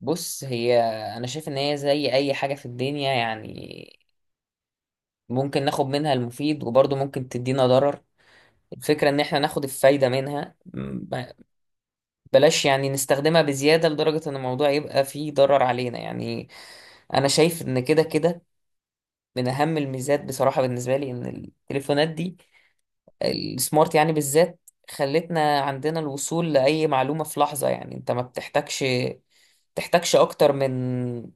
بص، هي انا شايف ان هي زي اي حاجة في الدنيا، يعني ممكن ناخد منها المفيد وبرضه ممكن تدينا ضرر. الفكرة ان احنا ناخد الفايدة منها. بلاش يعني نستخدمها بزيادة لدرجة ان الموضوع يبقى فيه ضرر علينا، يعني انا شايف ان كده كده من اهم الميزات بصراحة بالنسبة لي ان التليفونات دي، السمارت يعني بالذات، خلتنا عندنا الوصول لأي معلومة في لحظة. يعني انت ما بتحتاجش اكتر من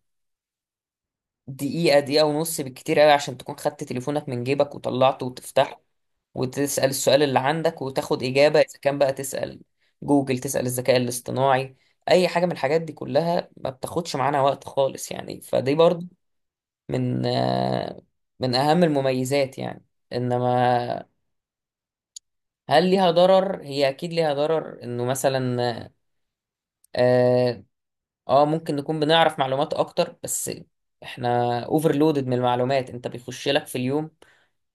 دقيقة، دقيقة ونص بالكتير قوي عشان تكون خدت تليفونك من جيبك وطلعته وتفتحه وتسأل السؤال اللي عندك وتاخد إجابة. إذا كان بقى تسأل جوجل، تسأل الذكاء الاصطناعي، أي حاجة من الحاجات دي كلها ما بتاخدش معانا وقت خالص، يعني فدي برضه من آه، من أهم المميزات يعني. إنما هل ليها ضرر؟ هي أكيد ليها ضرر، إنه مثلا آه ممكن نكون بنعرف معلومات أكتر، بس إحنا اوفرلودد من المعلومات. أنت بيخش لك في اليوم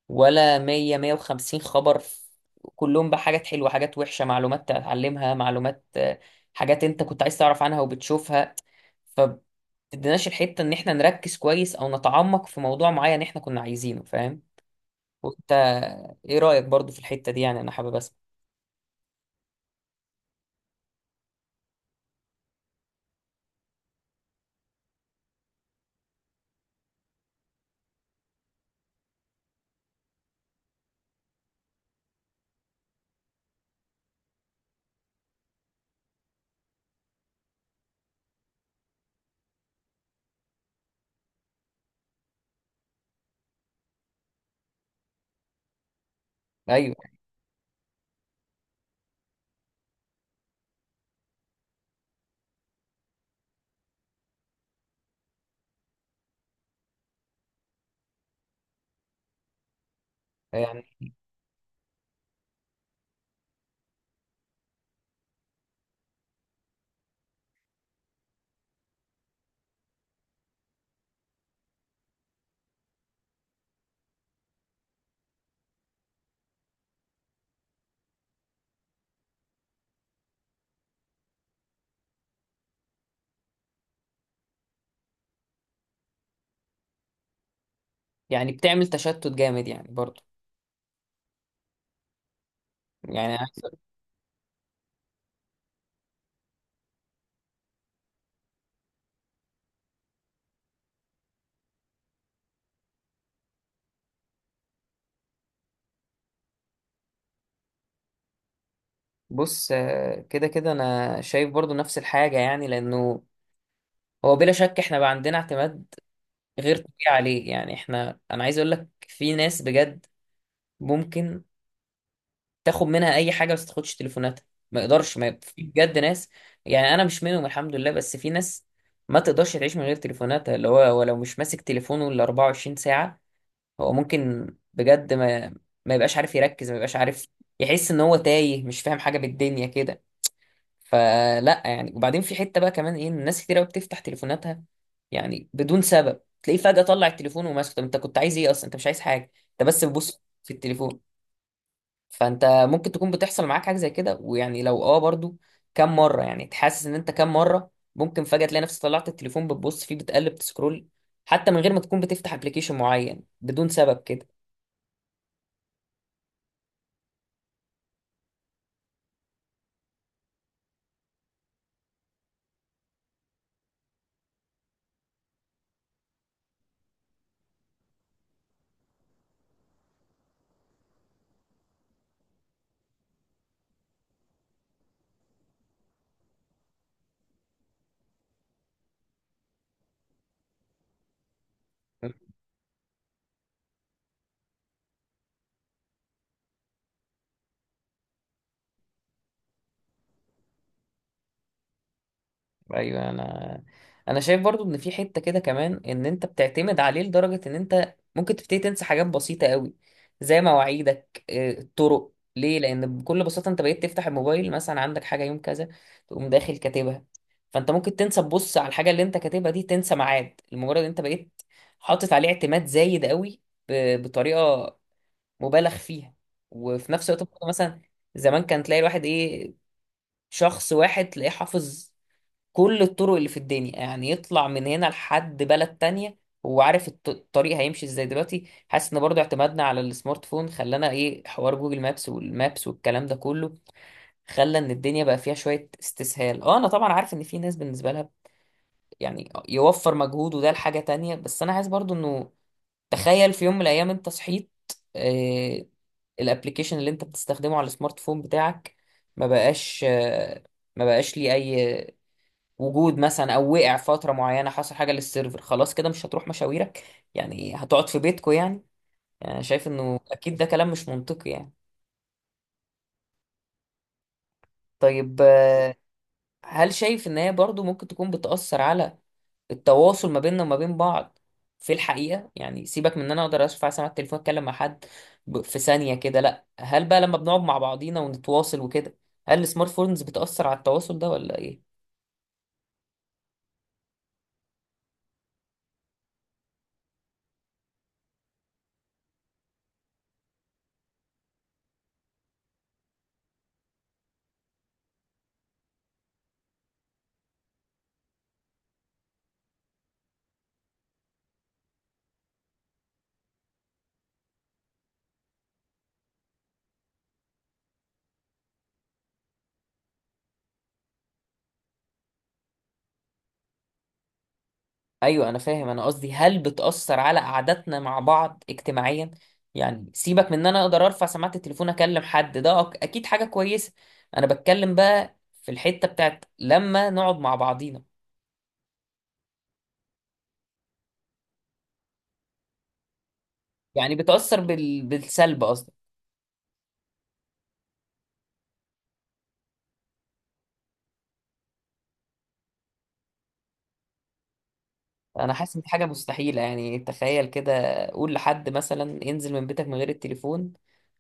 ولا 100 150 خبر، كلهم بقى حاجات حلوة، حاجات وحشة، معلومات تتعلمها، معلومات، حاجات انت كنت عايز تعرف عنها وبتشوفها، فبتديناش الحتة ان احنا نركز كويس او نتعمق في موضوع معين احنا كنا عايزينه. فاهم؟ وانت ايه رأيك برضو في الحتة دي؟ يعني انا حابب اسمع. ايوه يعني، يعني بتعمل تشتت جامد يعني برضو. يعني عايز أقول- بص، كده كده انا شايف برضو نفس الحاجة، يعني لانه هو بلا شك احنا بقى عندنا اعتماد غير طبيعي عليه. يعني احنا انا عايز اقول لك في ناس بجد ممكن تاخد منها اي حاجه بس تاخدش تليفوناتها، ما يقدرش. ما في بجد ناس، يعني انا مش منهم الحمد لله، بس في ناس ما تقدرش تعيش من غير تليفوناتها، اللي هو هو لو مش ماسك تليفونه ال 24 ساعه، هو ممكن بجد ما يبقاش عارف يركز، ما يبقاش عارف يحس ان هو تايه، مش فاهم حاجه بالدنيا كده. فلا يعني، وبعدين في حته بقى كمان ايه، إن الناس كتير قوي بتفتح تليفوناتها يعني بدون سبب. تلاقيه فجاه طلع التليفون وماسكه. طب انت كنت عايز ايه اصلا؟ انت مش عايز حاجه، انت بس بتبص في التليفون. فانت ممكن تكون بتحصل معاك حاجه زي كده، ويعني لو برضو كم مره، يعني تحسس ان انت كم مره ممكن فجاه تلاقي نفسك طلعت التليفون بتبص فيه، بتقلب، تسكرول حتى من غير ما تكون بتفتح ابلكيشن معين بدون سبب كده. ايوه، انا شايف برضو ان في حته كده كمان ان انت بتعتمد عليه لدرجه ان انت ممكن تبتدي تنسى حاجات بسيطه قوي زي مواعيدك، الطرق ليه، لان بكل بساطه انت بقيت تفتح الموبايل، مثلا عندك حاجه يوم كذا تقوم داخل كاتبها. فانت ممكن تنسى تبص على الحاجه اللي انت كاتبها دي، تنسى ميعاد لمجرد انت بقيت حاطط عليه اعتماد زايد قوي، بطريقه مبالغ فيها. وفي نفس الوقت ممكن مثلا زمان كان تلاقي الواحد ايه، شخص واحد تلاقيه حافظ كل الطرق اللي في الدنيا، يعني يطلع من هنا لحد بلد تانية هو عارف الطريق هيمشي ازاي. دلوقتي حاسس ان برضو اعتمادنا على السمارت فون خلانا ايه، حوار جوجل مابس والمابس والكلام ده كله خلى ان الدنيا بقى فيها شوية استسهال. اه، انا طبعا عارف ان في ناس بالنسبة لها يعني يوفر مجهود وده لحاجة تانية، بس انا عايز برضو انه تخيل في يوم من الايام انت صحيت، آه الابليكيشن اللي انت بتستخدمه على السمارت فون بتاعك ما بقاش آه، ما بقاش ليه اي وجود، مثلا او وقع فتره معينه، حصل حاجه للسيرفر. خلاص كده مش هتروح مشاويرك، يعني هتقعد في بيتكو يعني. يعني أنا شايف انه اكيد ده كلام مش منطقي يعني. طيب، هل شايف ان هي برضو ممكن تكون بتأثر على التواصل ما بيننا وما بين بعض في الحقيقة؟ يعني سيبك من ان انا اقدر ارفع سماعة التليفون اتكلم مع حد في ثانية كده، لا، هل بقى لما بنقعد مع بعضينا ونتواصل وكده، هل السمارت فونز بتأثر على التواصل ده ولا ايه؟ ايوه انا فاهم. انا قصدي هل بتأثر على قعدتنا مع بعض اجتماعيا؟ يعني سيبك من ان انا اقدر ارفع سماعة التليفون اكلم حد، ده اكيد حاجة كويسة. انا بتكلم بقى في الحتة بتاعت لما نقعد مع بعضينا، يعني بتأثر بالسلب قصدي. انا حاسس ان دي حاجة مستحيلة يعني. تخيل كده، قول لحد مثلا انزل من بيتك من غير التليفون،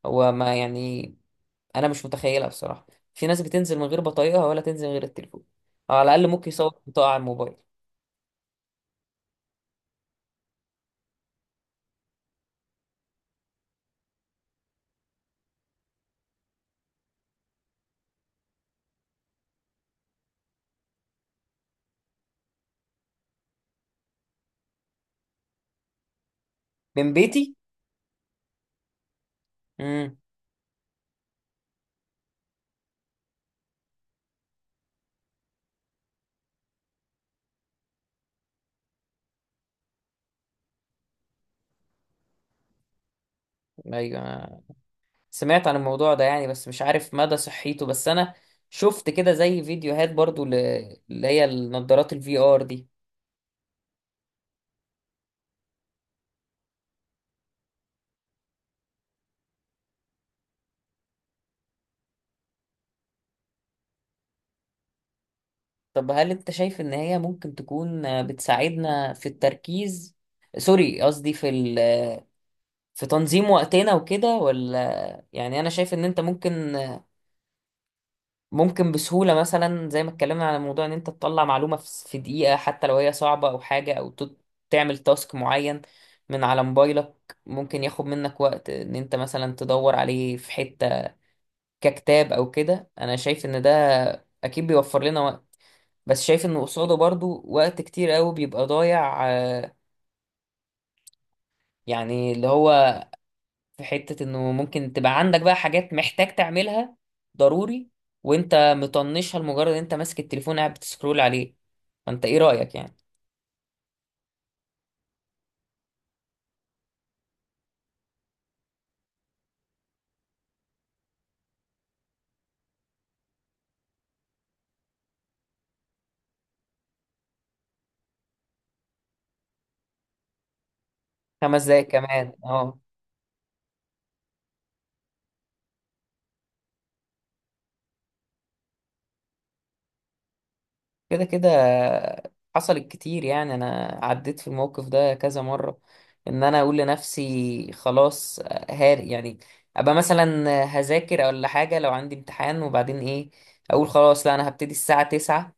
هو ما يعني، انا مش متخيلها بصراحة. في ناس بتنزل من غير بطايقها، ولا تنزل من غير التليفون، أو على الاقل ممكن يصور بطاقة على الموبايل. من بيتي. مم. ايوه أنا سمعت عن الموضوع ده يعني، بس مش عارف مدى صحيته، بس انا شفت كده زي فيديوهات برضو اللي هي النضارات الفي ار دي. طب هل انت شايف ان هي ممكن تكون بتساعدنا في التركيز، سوري قصدي في تنظيم وقتنا وكده، ولا يعني انا شايف ان انت ممكن، ممكن بسهولة مثلا زي ما اتكلمنا على موضوع ان انت تطلع معلومة في دقيقة حتى لو هي صعبة، او حاجة، او تعمل تاسك معين من على موبايلك ممكن ياخد منك وقت ان انت مثلا تدور عليه في حتة ككتاب او كده. انا شايف ان ده اكيد بيوفر لنا وقت، بس شايف ان قصاده برضو وقت كتير قوي بيبقى ضايع، يعني اللي هو في حتة انه ممكن تبقى عندك بقى حاجات محتاج تعملها ضروري وانت مطنشها لمجرد انت ماسك التليفون قاعد بتسكرول عليه. فانت ايه رأيك يعني؟ 5 دقايق كمان اه. كده كده حصلت كتير، يعني انا عديت في الموقف ده كذا مرة، ان انا اقول لنفسي خلاص، هار يعني، ابقى مثلا هذاكر ولا حاجة لو عندي امتحان. وبعدين ايه، اقول خلاص لا انا هبتدي الساعة 9،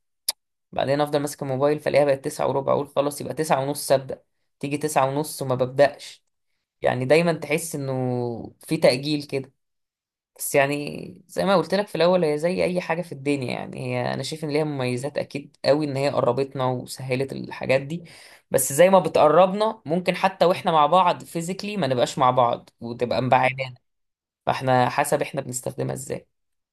بعدين افضل ماسك الموبايل فالاقيها بقت 9:15، اقول خلاص يبقى 9:30 ابدا. تيجي 9:30 وما ببداش. يعني دايما تحس انه في تأجيل كده. بس يعني زي ما قلت لك في الاول هي زي اي حاجة في الدنيا، يعني هي انا شايف ان ليها مميزات اكيد قوي، ان هي قربتنا وسهلت الحاجات دي، بس زي ما بتقربنا ممكن حتى واحنا مع بعض فيزيكلي ما نبقاش مع بعض وتبقى مبعدانا، فاحنا حسب احنا بنستخدمها ازاي.